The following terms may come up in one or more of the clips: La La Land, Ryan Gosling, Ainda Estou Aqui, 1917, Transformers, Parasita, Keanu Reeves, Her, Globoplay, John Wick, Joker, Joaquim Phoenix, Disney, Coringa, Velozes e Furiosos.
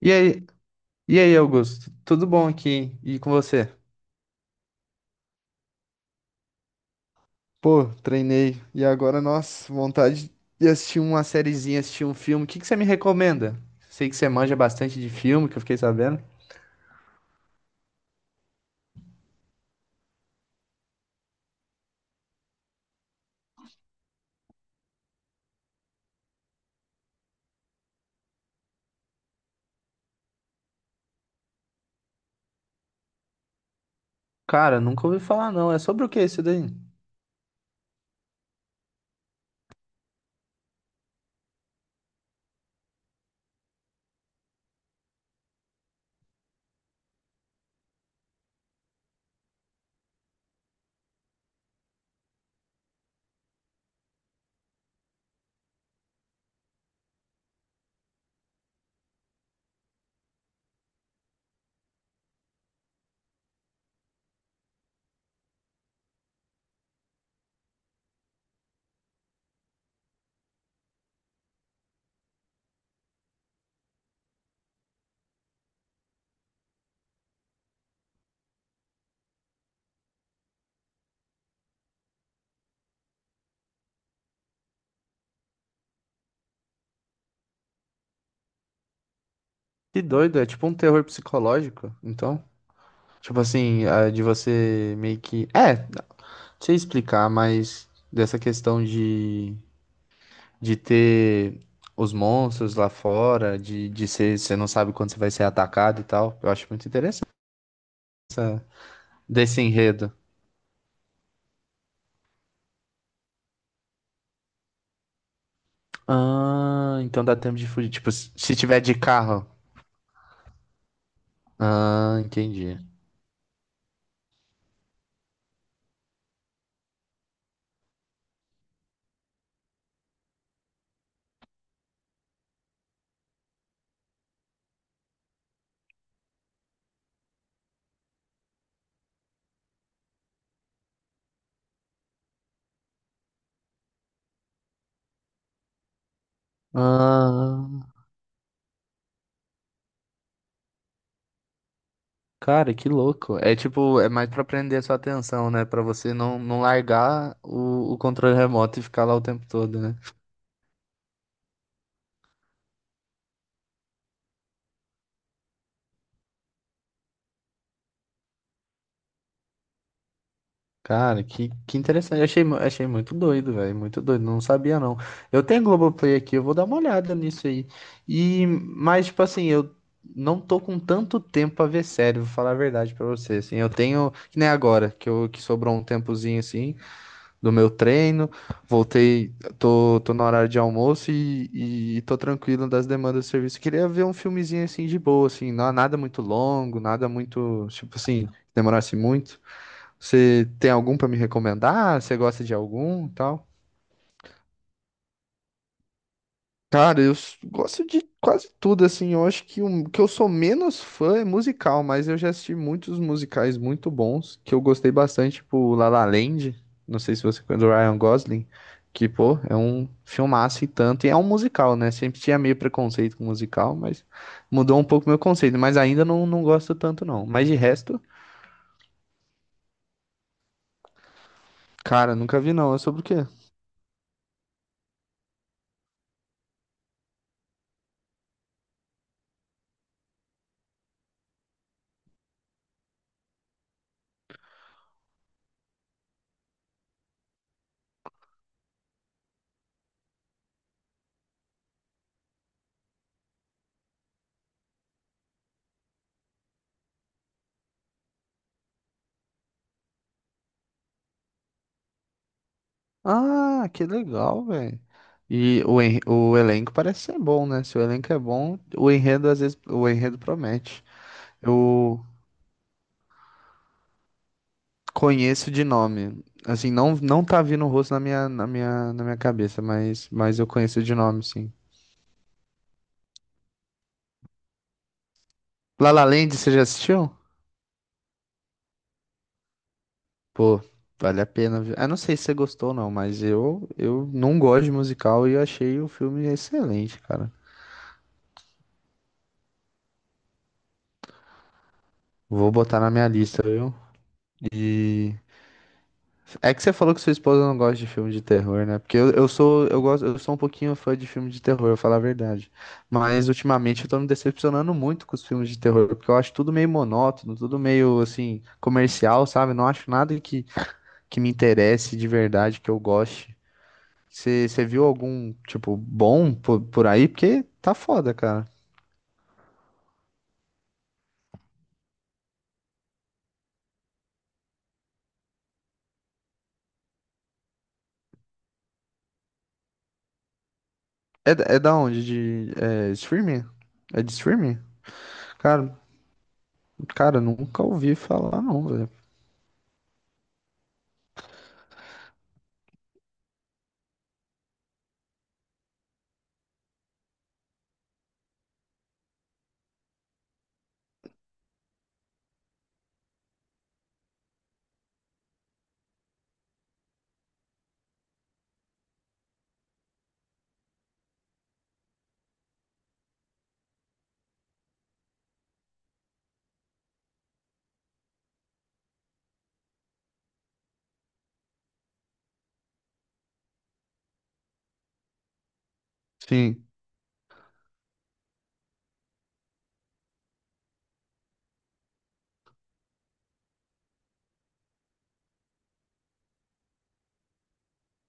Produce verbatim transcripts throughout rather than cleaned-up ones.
E aí, e aí, Augusto? Tudo bom aqui? E com você? Pô, treinei. E agora, nossa, vontade de assistir uma sériezinha, assistir um filme. O que que você me recomenda? Sei que você manja bastante de filme, que eu fiquei sabendo. Cara, nunca ouvi falar não. É sobre o que isso daí? Que doido, é tipo um terror psicológico, então? Tipo assim, ah, de você meio que... É, não sei explicar, mas dessa questão de... de ter os monstros lá fora, de, de ser, você não sabe quando você vai ser atacado e tal. Eu acho muito interessante desse enredo. Ah, então dá tempo de fugir. Tipo, se tiver de carro. Ah, entendi. Ah, cara, que louco. É tipo, é mais pra prender a sua atenção, né? Pra você não, não largar o, o controle remoto e ficar lá o tempo todo, né? Cara, que, que interessante. Eu Achei, mu- achei muito doido, velho. Muito doido. Não sabia, não. Eu tenho Globoplay aqui, eu vou dar uma olhada nisso aí. E, mas, tipo assim, eu não tô com tanto tempo pra ver série, vou falar a verdade pra você. Assim, eu tenho, que nem agora, que, eu, que sobrou um tempozinho, assim, do meu treino. Voltei, tô, tô no horário de almoço e, e tô tranquilo das demandas do serviço. Queria ver um filmezinho, assim, de boa, assim. Não, nada muito longo, nada muito, tipo assim, que demorasse muito. Você tem algum pra me recomendar? Você gosta de algum, e tal? Cara, eu s- gosto de quase tudo assim. Eu acho que o que eu sou menos fã é musical, mas eu já assisti muitos musicais muito bons que eu gostei bastante, tipo La La Land, não sei se você conhece do Ryan Gosling, que pô, é um filmaço e tanto, e é um musical, né? Sempre tinha meio preconceito com musical, mas mudou um pouco meu conceito, mas ainda não, não gosto tanto não. Mas de resto, cara, nunca vi não. É sobre o quê? Ah, que legal, velho. E o, en- o elenco parece ser bom, né? Se o elenco é bom, o enredo às vezes o enredo promete. Eu conheço de nome. Assim, não não tá vindo o rosto na minha na minha na minha cabeça, mas mas eu conheço de nome, sim. La La Land, você já assistiu? Pô, vale a pena ver. Ah, não sei se você gostou ou não, mas eu eu não gosto de musical e eu achei o filme excelente, cara. Vou botar na minha lista, viu? É que você falou que sua esposa não gosta de filme de terror, né? Porque eu, eu sou, eu gosto, eu sou um pouquinho fã de filme de terror, eu falar a verdade. Mas ultimamente eu tô me decepcionando muito com os filmes de terror, porque eu acho tudo meio monótono, tudo meio assim, comercial, sabe? Não acho nada que, que me interesse de verdade, que eu goste. Você você viu algum, tipo, bom por, por aí? Porque tá foda, cara. É, da- é da onde? De é, streaming? É de streaming? Cara, Cara, nunca ouvi falar, não, velho. Sim.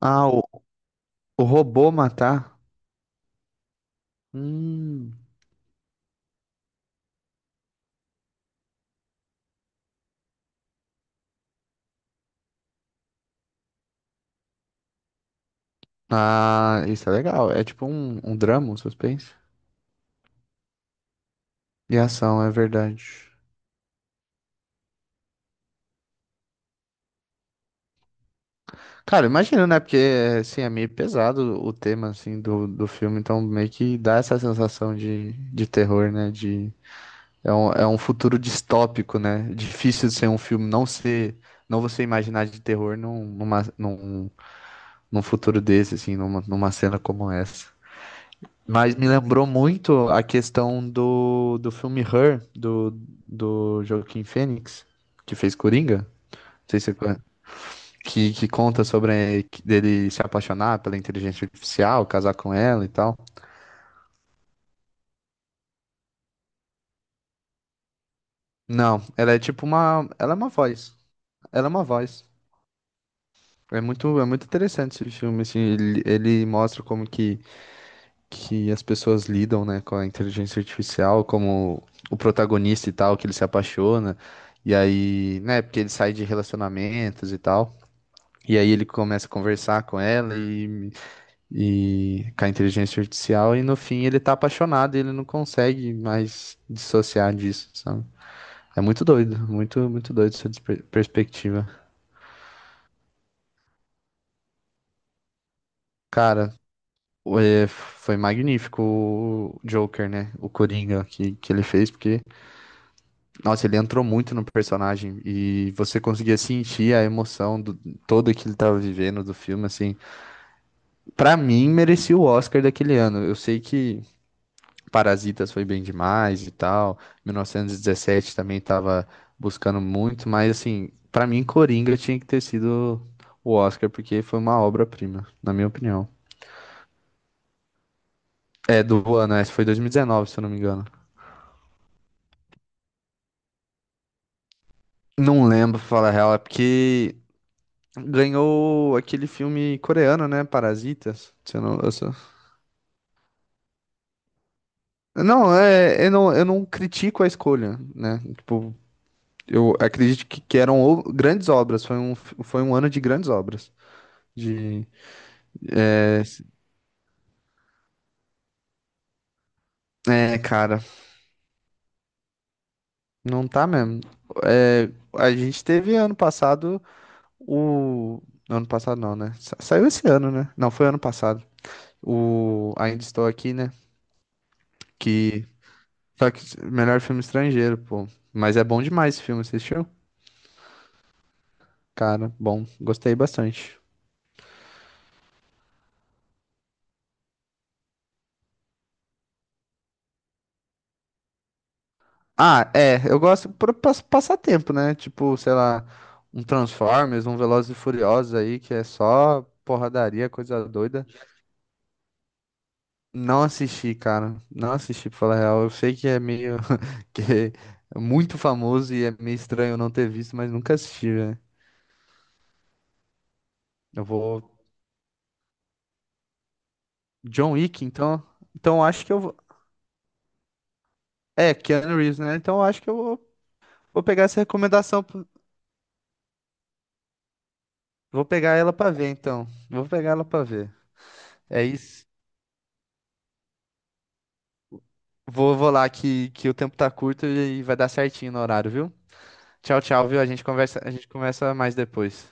Ah, o robô matar? Hum. Ah, isso é legal. É tipo um, um drama, um suspense. E ação, é verdade. Cara, imagina, né? Porque, assim, é meio pesado o tema, assim, do, do filme. Então, meio que dá essa sensação de, de terror, né? De, é um, é um futuro distópico, né? Difícil de ser um filme, não ser... Não você imaginar de terror num, numa, num num futuro desse, assim, numa, numa cena como essa. Mas me lembrou muito a questão do, do filme Her, do, do Joaquim Phoenix que fez Coringa. Não sei se você conhece, que, que conta sobre que- dele se apaixonar pela inteligência artificial, casar com ela e tal. Não, ela é tipo uma. Ela é uma voz. Ela é uma voz. É muito, é muito interessante esse filme, assim. Ele, ele mostra como que que as pessoas lidam, né, com a inteligência artificial, como o protagonista e tal, que ele se apaixona, e aí, né, porque ele sai de relacionamentos e tal, e aí ele começa a conversar com ela e, e com a inteligência artificial, e no fim ele tá apaixonado, e ele não consegue mais dissociar disso, sabe? É muito doido, muito, muito doido essa despe- perspectiva. Cara, é, foi magnífico o Joker, né? O Coringa que, que ele fez, porque nossa, ele entrou muito no personagem e você conseguia sentir a emoção do todo que ele tava vivendo do filme, assim. Pra mim, merecia o Oscar daquele ano. Eu sei que Parasitas foi bem demais e tal, mil novecentos e dezessete também tava buscando muito, mas assim, pra mim, Coringa tinha que ter sido o Oscar, porque foi uma obra-prima, na minha opinião. É, do ano, essa foi dois mil e dezenove, se eu não me engano. Não lembro, pra falar a real, é porque ganhou aquele filme coreano, né? Parasitas. Se eu não, eu só- Não, é, eu não, eu não critico a escolha, né? Tipo, eu acredito que, que eram o- grandes obras. Foi um, foi um ano de grandes obras. De, é, é, cara, não tá mesmo. É, a gente teve ano passado o. Ano passado não, né? Sa- Saiu esse ano, né? Não, foi ano passado. O Ainda Estou Aqui, né? Que. Só que melhor filme estrangeiro, pô. Mas é bom demais esse filme, assistiu? Cara, bom, gostei bastante. Ah, é, eu gosto pra pas- passar tempo, né? Tipo, sei lá, um Transformers, um Velozes e Furiosos aí, que é só porradaria, coisa doida. Não assisti, cara. Não assisti, pra falar a real. Eu sei que é meio que é muito famoso e é meio estranho não ter visto, mas nunca assisti, né? Eu vou. John Wick, então. Então eu acho que eu vou. É, Keanu Reeves, né? Então eu acho que eu vou, vou pegar essa recomendação. pro- Vou pegar ela pra ver, então. Vou pegar ela pra ver. É isso. Vou, vou lá que, que o tempo tá curto e vai dar certinho no horário, viu? Tchau, tchau, viu? A gente conversa, a gente conversa mais depois.